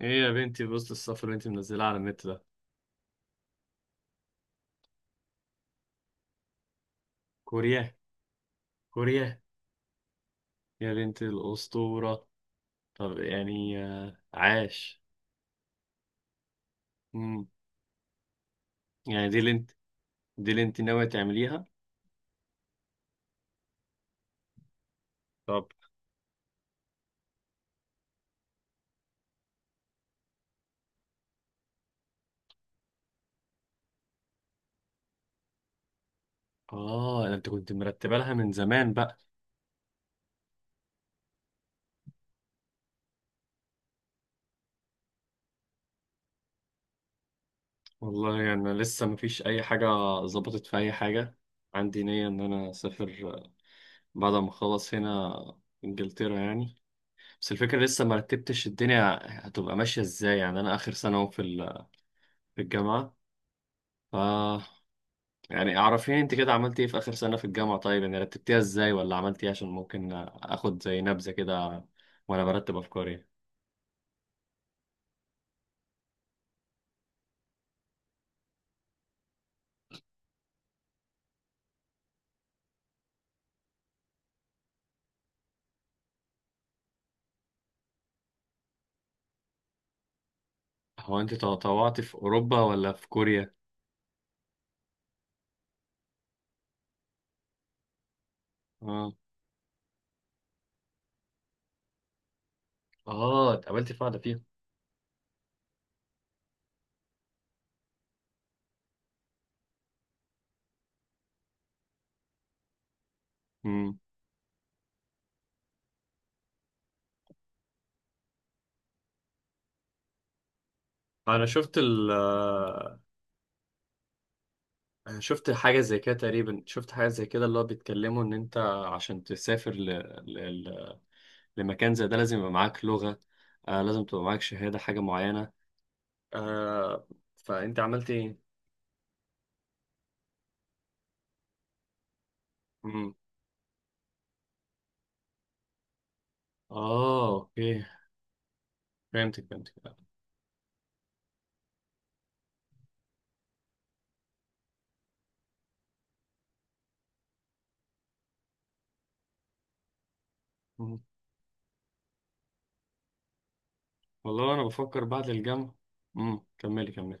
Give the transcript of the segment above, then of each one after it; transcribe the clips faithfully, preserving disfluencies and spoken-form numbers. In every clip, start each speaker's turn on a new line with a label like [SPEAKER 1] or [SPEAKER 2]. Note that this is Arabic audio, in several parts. [SPEAKER 1] ايه يا بنتي بوست السفر اللي انت منزلها على النت ده. كوريا؟ كوريا؟ يا بنت الأسطورة. طب يعني آه، عاش. مم. يعني دي اللي انت دي اللي انت ناوية تعمليها؟ طب اه ده انت كنت مرتبة لها من زمان بقى. والله يعني انا لسه مفيش اي حاجة ظبطت في اي حاجة. عندي نية ان انا اسافر آه، بعد ما اخلص هنا، انجلترا يعني. بس الفكرة لسه مرتبتش الدنيا هتبقى ماشية ازاي. يعني انا اخر سنة اهو في ال- في الجامعة. يعني اعرفيني انت كده عملتي ايه في اخر سنة في الجامعة، طيب يعني رتبتيها ازاي ولا عملتي ايه عشان ممكن اخد زي نبذة كده وانا برتب افكاري. هو انت تطوعتي في اوروبا ولا في كوريا؟ اه، اه اتقابلت في واحدة فيهم. امم، انا شفت ال آه، شفت حاجة زي كده تقريبا، شفت حاجة زي كده اللي هو بيتكلموا ان انت عشان تسافر ل... ل... ل- لمكان زي ده لازم يبقى معاك لغة، آه لازم تبقى معاك شهادة حاجة معينة، آه. فانت عملت ايه؟ أمم. اه اوكي، فهمتك فهمتك. مم. والله انا بفكر بعد الجامعه. امم، كملي كملي.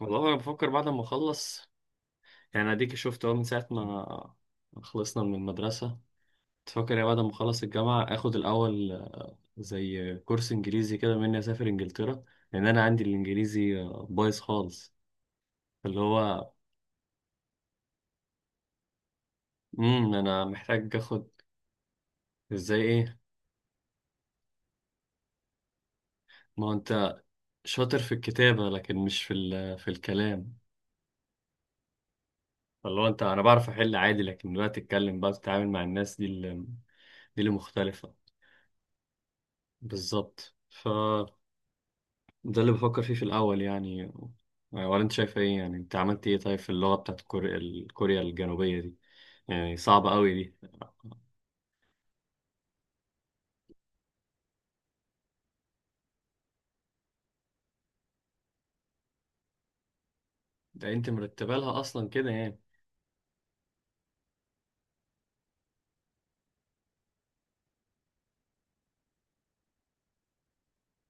[SPEAKER 1] والله انا بفكر بعد ما اخلص، يعني اديك شفت اهو من ساعه ما خلصنا من المدرسه تفكر يا بعد ما اخلص الجامعه اخد الاول زي كورس انجليزي كده مني اسافر انجلترا، لان انا عندي الانجليزي بايظ خالص، اللي هو امم. انا محتاج اخد. ازاي ايه؟ ما هو انت شاطر في الكتابه لكن مش في ال... في الكلام، اللي هو انت انا بعرف احل عادي لكن دلوقتي اتكلم بقى تتعامل مع الناس دي، دي اللي مختلفة. بالظبط، فده اللي بفكر فيه في الأول يعني. ولا أنت شايف إيه يعني؟ أنت عملت إيه طيب في اللغة بتاعت كوريا، الكوريا الجنوبية دي؟ يعني صعبة أوي دي؟ ده أنت مرتبة لها أصلا كده يعني.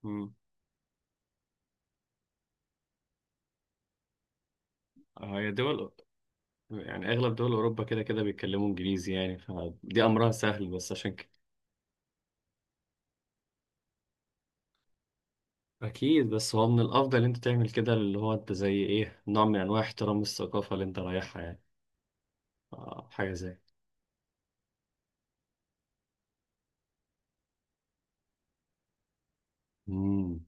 [SPEAKER 1] مم. هي دول، يعني أغلب دول أوروبا كده كده بيتكلموا إنجليزي، يعني فدي أمرها سهل بس عشان كده أكيد. بس هو من الأفضل أنت تعمل كده اللي هو أنت زي إيه، نوع من أنواع احترام الثقافة اللي أنت رايحها يعني، آه، حاجة زي. مم.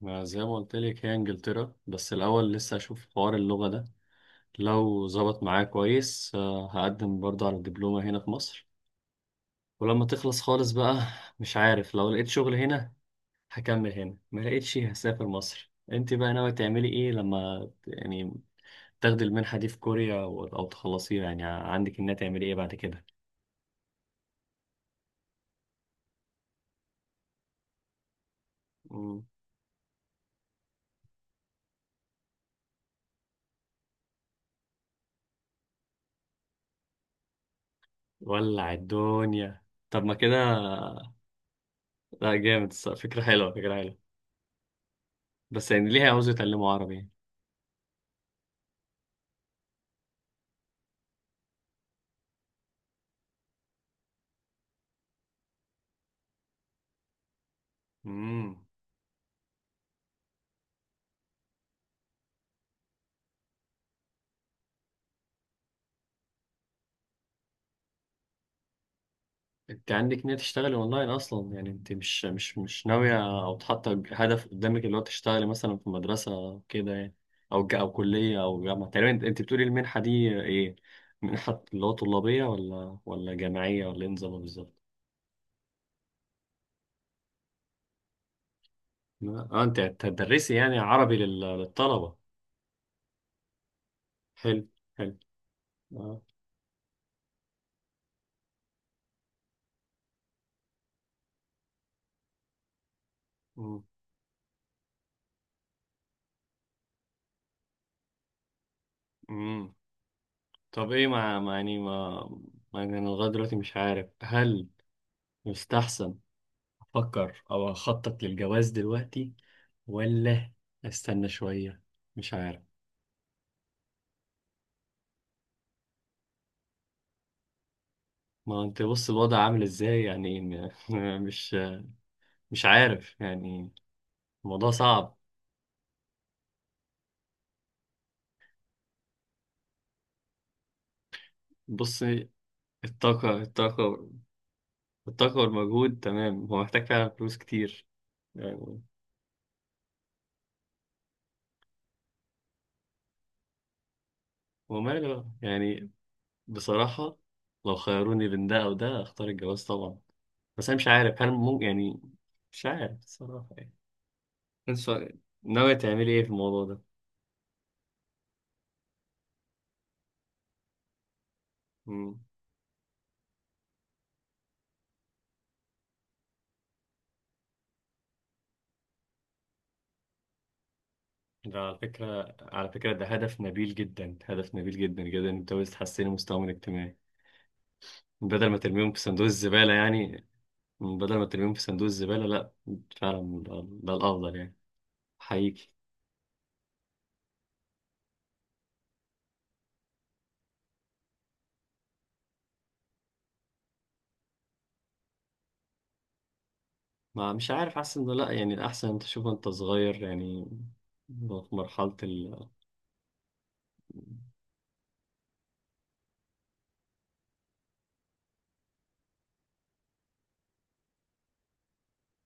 [SPEAKER 1] ما زي ما قلت لك هي انجلترا بس الاول لسه اشوف حوار اللغه ده، لو ظبط معايا كويس آه، هقدم برضه على الدبلومه هنا في مصر، ولما تخلص خالص بقى مش عارف، لو لقيت شغل هنا هكمل هنا، ما لقيتش هسافر مصر. انت بقى ناوي تعملي ايه لما ت- يعني تاخدي المنحه دي في كوريا او أو تخلصيها؟ يعني عندك انها تعملي ايه بعد كده؟ مم. ولع الدنيا، طب ما كده. لا جامد الصراحة، فكره حلوه فكره حلوه. بس يعني ليه عاوز يتعلموا عربي؟ امم. انت عندك نية تشتغلي اونلاين اصلا يعني؟ انت مش مش مش ناوية او حاطة هدف قدامك اللي هو تشتغلي مثلا في مدرسة أو كده يعني، او ج- او كلية او جامعة تقريبا؟ انت أنت بتقولي المنحة دي ايه، منحة اللي هو طلابية ولا ولا جامعية ولا ايه نظامها بالظبط؟ لا، اه انت هتدرسي يعني عربي لل- للطلبة. حلو حلو. اه. مم. مم. طب ايه ما ما يعني ما ما يعني انا لغاية دلوقتي مش عارف هل يستحسن افكر او اخطط للجواز دلوقتي، ولا استنى شوية؟ مش عارف. ما هو انت بص الوضع عامل ازاي يعني م- مش مش عارف يعني، الموضوع صعب. بص، الطاقة الطاقة، الطاقة والمجهود تمام هو محتاج فعلا فلوس كتير يعني. وماله بقى؟ يعني بصراحة لو خيروني بين ده أو ده أختار الجواز طبعا، بس أنا مش عارف هل ممكن يعني، مش عارف بصراحة يعني. أنت ناوية تعملي إيه في الموضوع ده؟ ده على فكرة، على فكرة ده هدف نبيل جدا، هدف نبيل جدا جدا انت بس تحسني مستواهم الاجتماعي بدل ما ترميهم في صندوق الزبالة يعني، بدل ما ترميهم في صندوق الزبالة. لا فعلا ده، ده الأفضل يعني، حقيقي. ما مش عارف، حاسس انه لا يعني الأحسن انت تشوف، انت صغير يعني، في مرحلة ال.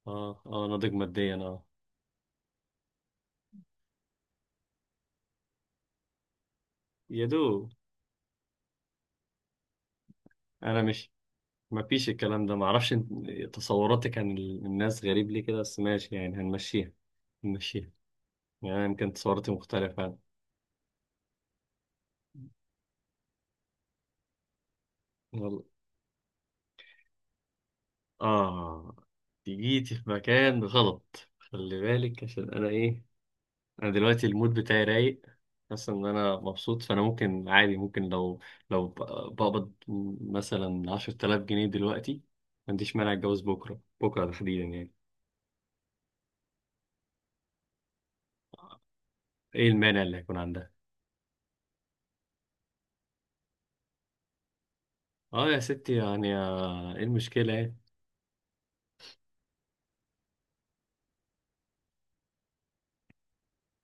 [SPEAKER 1] اه اه، ناضج ماديا اه، يا دوب. انا مش، ما فيش الكلام ده ما اعرفش، انت- تصوراتك عن ال- الناس غريب ليه كده، بس ماشي يعني هنمشيها هنمشيها. يعني أنا يمكن تصوراتي مختلفة. والله آه، دي جيتي في مكان غلط خلي بالك عشان أنا إيه، أنا دلوقتي المود بتاعي رايق، حاسس إن أنا مبسوط، فأنا ممكن عادي ممكن لو لو ب- بقبض مثلا عشرة آلاف جنيه دلوقتي ما عنديش مانع أتجوز بكرة، بكرة تحديدا يعني. إيه المانع اللي هيكون عندها؟ آه يا ستي يعني آه، إيه المشكلة يعني؟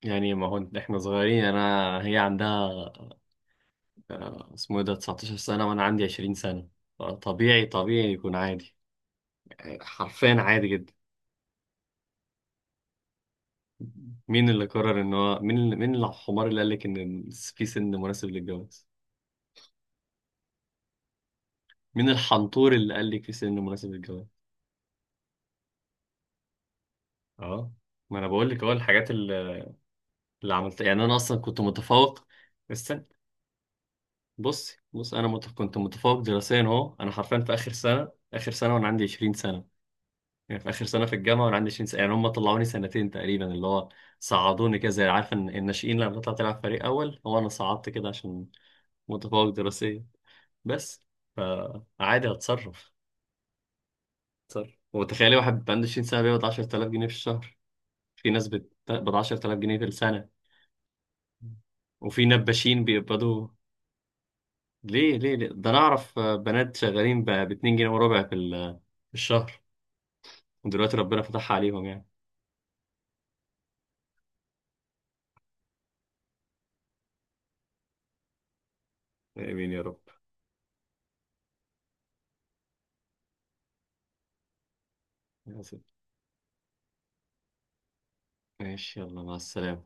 [SPEAKER 1] يعني ما هو إحنا صغيرين، أنا هي عندها آه، اسمه إيه ده تسعة عشر سنة وأنا عندي عشرين سنة، طبيعي طبيعي يكون عادي، حرفيا عادي جدا. مين اللي قرر ان هو مين اللي... مين الحمار اللي قال لك ان في سن مناسب للجواز؟ مين الحنطور اللي قال لك في سن مناسب للجواز؟ اه، ما انا بقول لك اهو الحاجات اللي، اللي عملتها، يعني انا اصلا كنت متفوق. استنى، بص بص انا مت... كنت متفوق دراسيا اهو، انا حرفيا في اخر سنه، اخر سنه وانا عندي عشرين سنه، يعني في اخر سنه في الجامعه وانا عندي عشرين سنه، يعني هم طلعوني سنتين تقريبا، اللي هو صعدوني كده زي، عارف ان الناشئين لما بتطلع تلعب فريق اول، هو انا صعدت كده عشان متفوق دراسيا بس. فعادي، هتصرف، هتصرف وتخيلي واحد عنده عشرين سنة بيقبض عشرة آلاف جنيه في الشهر. في ناس بتقبض عشرة آلاف جنيه في السنة، وفي نباشين بيقبضوا. ليه ليه ليه، ده انا اعرف آه، بنات شغالين ب اتنين جنيه وربع في ال- في الشهر ودلوقتي ربنا فتحها عليهم يعني. امين يا رب. ماشي يلا، مع السلامة.